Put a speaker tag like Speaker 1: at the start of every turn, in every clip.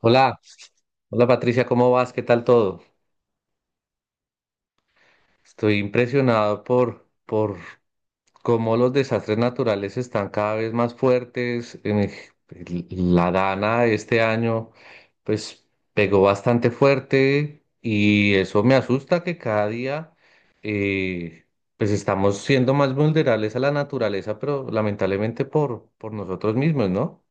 Speaker 1: Hola, hola Patricia, ¿cómo vas? ¿Qué tal todo? Estoy impresionado por cómo los desastres naturales están cada vez más fuertes. La Dana este año, pues, pegó bastante fuerte y eso me asusta que cada día, eh, pues, estamos siendo más vulnerables a la naturaleza, pero lamentablemente por nosotros mismos, ¿no?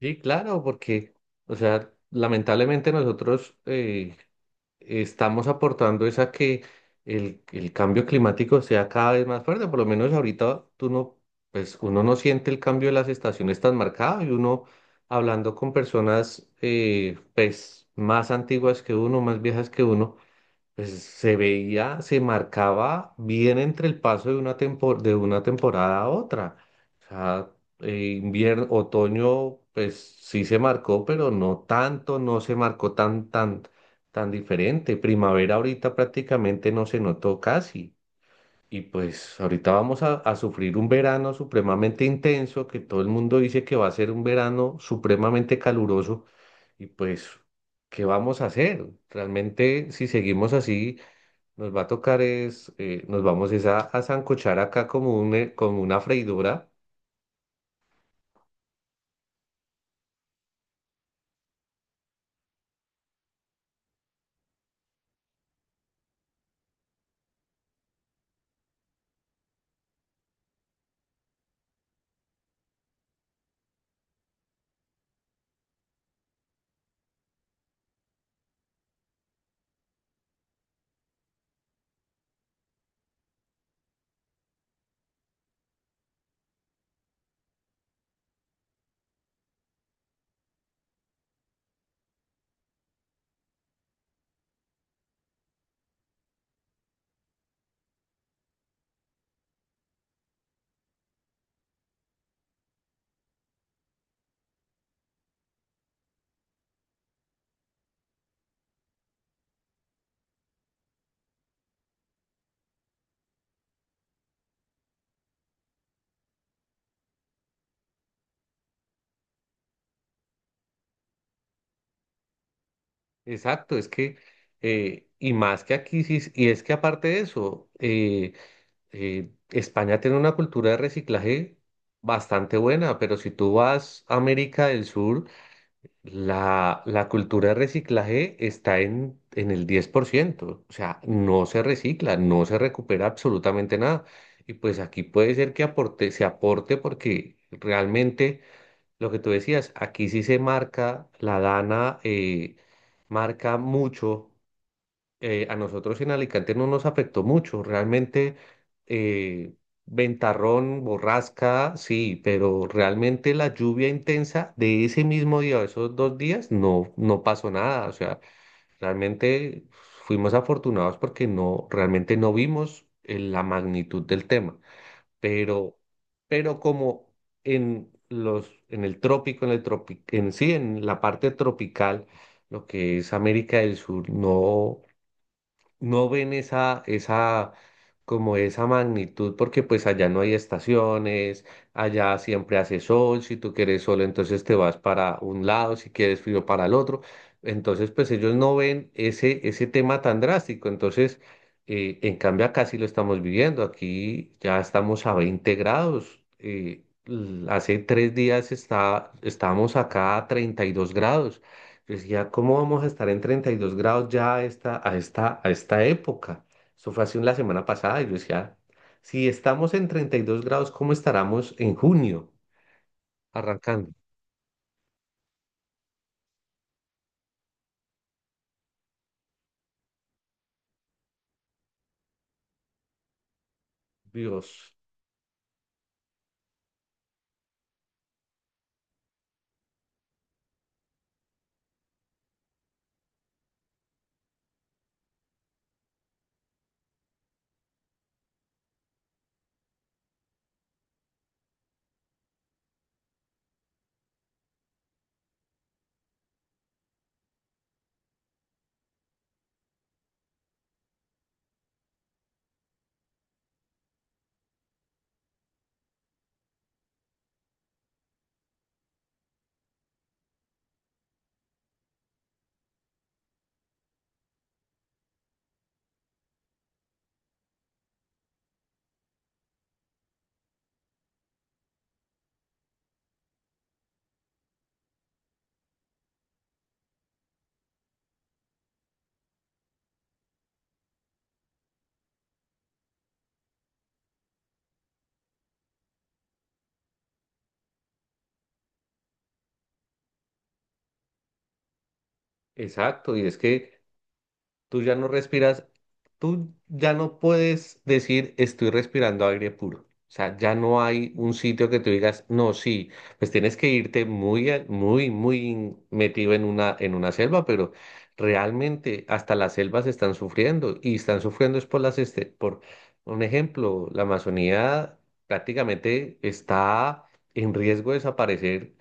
Speaker 1: Sí, claro, porque, o sea, lamentablemente nosotros estamos aportando es a que el cambio climático sea cada vez más fuerte. Por lo menos ahorita tú no, pues uno no siente el cambio de las estaciones tan marcado y uno hablando con personas pues más antiguas que uno, más viejas que uno pues se veía, se marcaba bien entre el paso de de una temporada a otra. O sea, invierno, otoño, pues sí se marcó, pero no tanto, no se marcó tan diferente. Primavera ahorita prácticamente no se notó casi. Y pues ahorita vamos a sufrir un verano supremamente intenso, que todo el mundo dice que va a ser un verano supremamente caluroso. Y pues, ¿qué vamos a hacer? Realmente, si seguimos así, nos va a tocar es, nos vamos es a sancochar acá como una freidora. Exacto, es que, y más que aquí, sí, y es que aparte de eso, España tiene una cultura de reciclaje bastante buena, pero si tú vas a América del Sur, la cultura de reciclaje está en el 10%. O sea, no se recicla, no se recupera absolutamente nada. Y pues aquí puede ser que aporte, se aporte porque realmente lo que tú decías, aquí sí se marca, la DANA marca mucho a nosotros en Alicante no nos afectó mucho, realmente eh, ventarrón, borrasca, sí, pero realmente la lluvia intensa de ese mismo día o esos dos días no, no pasó nada, o sea, realmente fuimos afortunados porque no, realmente no vimos la magnitud del tema, pero, pero como en el trópico, en sí, en la parte tropical, lo que es América del Sur, no no ven esa, como esa magnitud, porque pues allá no hay estaciones, allá siempre hace sol, si tú quieres sol, entonces te vas para un lado, si quieres frío para el otro. Entonces, pues ellos no ven ese tema tan drástico. Entonces, en cambio acá sí lo estamos viviendo. Aquí ya estamos a 20 grados. Hace 3 días estábamos acá a 32 grados. Yo decía, ¿cómo vamos a estar en 32 grados ya a esta época? Eso fue así la semana pasada y yo decía, si estamos en 32 grados, ¿cómo estaremos en junio arrancando? Dios, exacto. Y es que tú ya no respiras, tú ya no puedes decir estoy respirando aire puro. O sea, ya no hay un sitio que tú digas, no, sí, pues tienes que irte muy metido en una selva, pero realmente hasta las selvas están sufriendo y están sufriendo es por por un ejemplo, la Amazonía prácticamente está en riesgo de desaparecer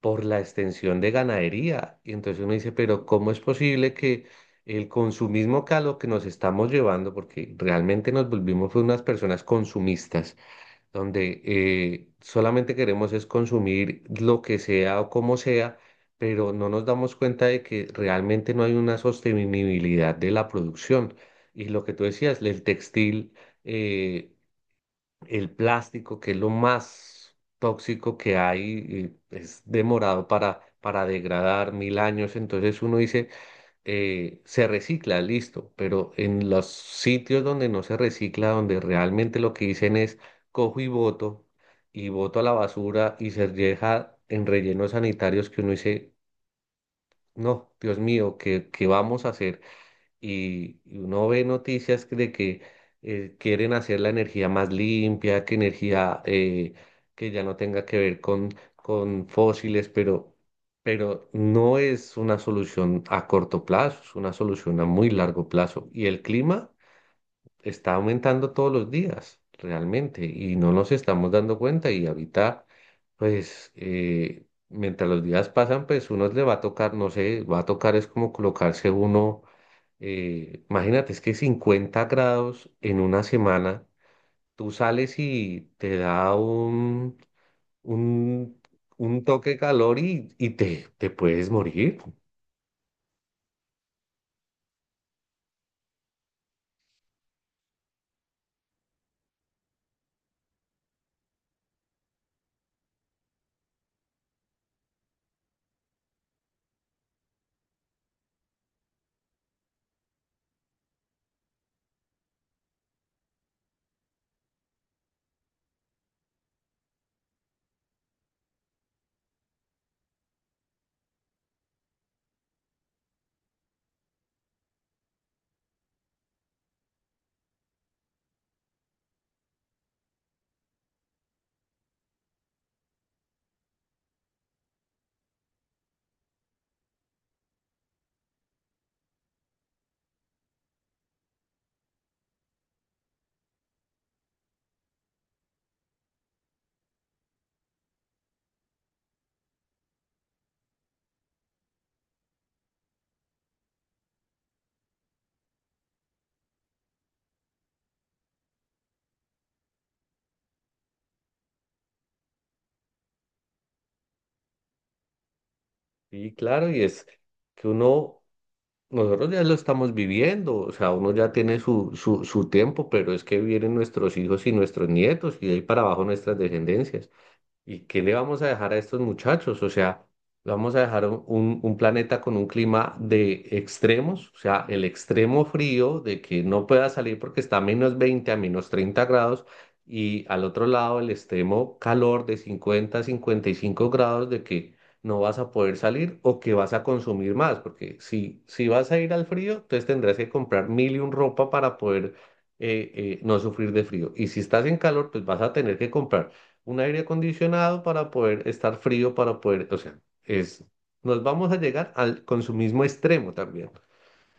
Speaker 1: por la extensión de ganadería. Y entonces uno dice, pero ¿cómo es posible que el consumismo que a lo que nos estamos llevando, porque realmente nos volvimos fue unas personas consumistas, donde solamente queremos es consumir lo que sea o como sea, pero no nos damos cuenta de que realmente no hay una sostenibilidad de la producción. Y lo que tú decías, el textil. eh, el plástico, que es lo más tóxico que hay, y es demorado para degradar mil años. Entonces uno dice, se recicla, listo, pero en los sitios donde no se recicla, donde realmente lo que dicen es cojo y boto a la basura y se deja en rellenos sanitarios que uno dice, no, Dios mío, qué vamos a hacer? Y uno ve de que quieren hacer la energía más limpia, que energía que ya no tenga que ver con fósiles, pero no es una solución a corto plazo, es una solución a muy largo plazo. Y el clima está aumentando todos los días, realmente, y no nos estamos dando cuenta y ahorita, pues... mientras los días pasan, pues uno le va a tocar, no sé, va a tocar es como colocarse uno imagínate, es que 50 grados en una semana, tú sales y te da un, un toque de calor y te puedes morir. Y claro, y es que uno, nosotros ya lo estamos viviendo, o sea, uno ya tiene su tiempo, pero es que vienen nuestros hijos y nuestros nietos y de ahí para abajo nuestras descendencias. ¿Y qué le vamos a dejar a estos muchachos? O sea, le vamos a dejar un planeta con un clima de extremos, o sea, el extremo frío de que no pueda salir porque está a -20 a -30 grados, y al otro lado el extremo calor de 50 a 55 grados de que no vas a poder salir o que vas a consumir más, porque si vas a ir al frío, entonces tendrás que comprar mil y un ropa para poder no sufrir de frío. Y si estás en calor, pues vas a tener que comprar un aire acondicionado para poder estar frío, para poder, o sea, es, nos vamos a llegar al consumismo extremo también.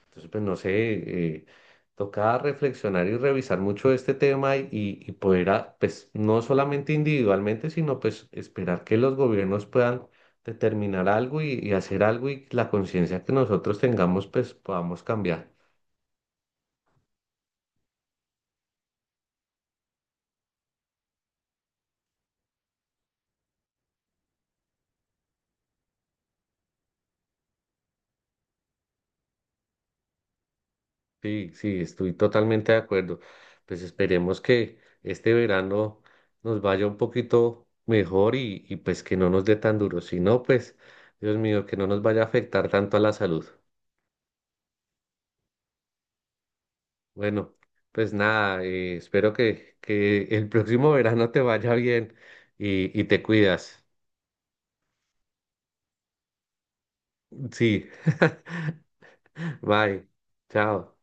Speaker 1: Entonces, pues no sé, eh, toca reflexionar y revisar mucho este tema y poder, a- pues no solamente individualmente, sino pues esperar que los gobiernos puedan determinar algo y hacer algo y la conciencia que nosotros tengamos, pues podamos cambiar. Sí, sí, estoy totalmente de acuerdo. Pues esperemos que este verano nos vaya un poquito mejor y pues que no nos dé tan duro. Si no, pues, Dios mío, que no nos vaya a afectar tanto a la salud. Bueno, pues nada, espero que el próximo verano te vaya bien y te cuidas. Sí, bye, chao.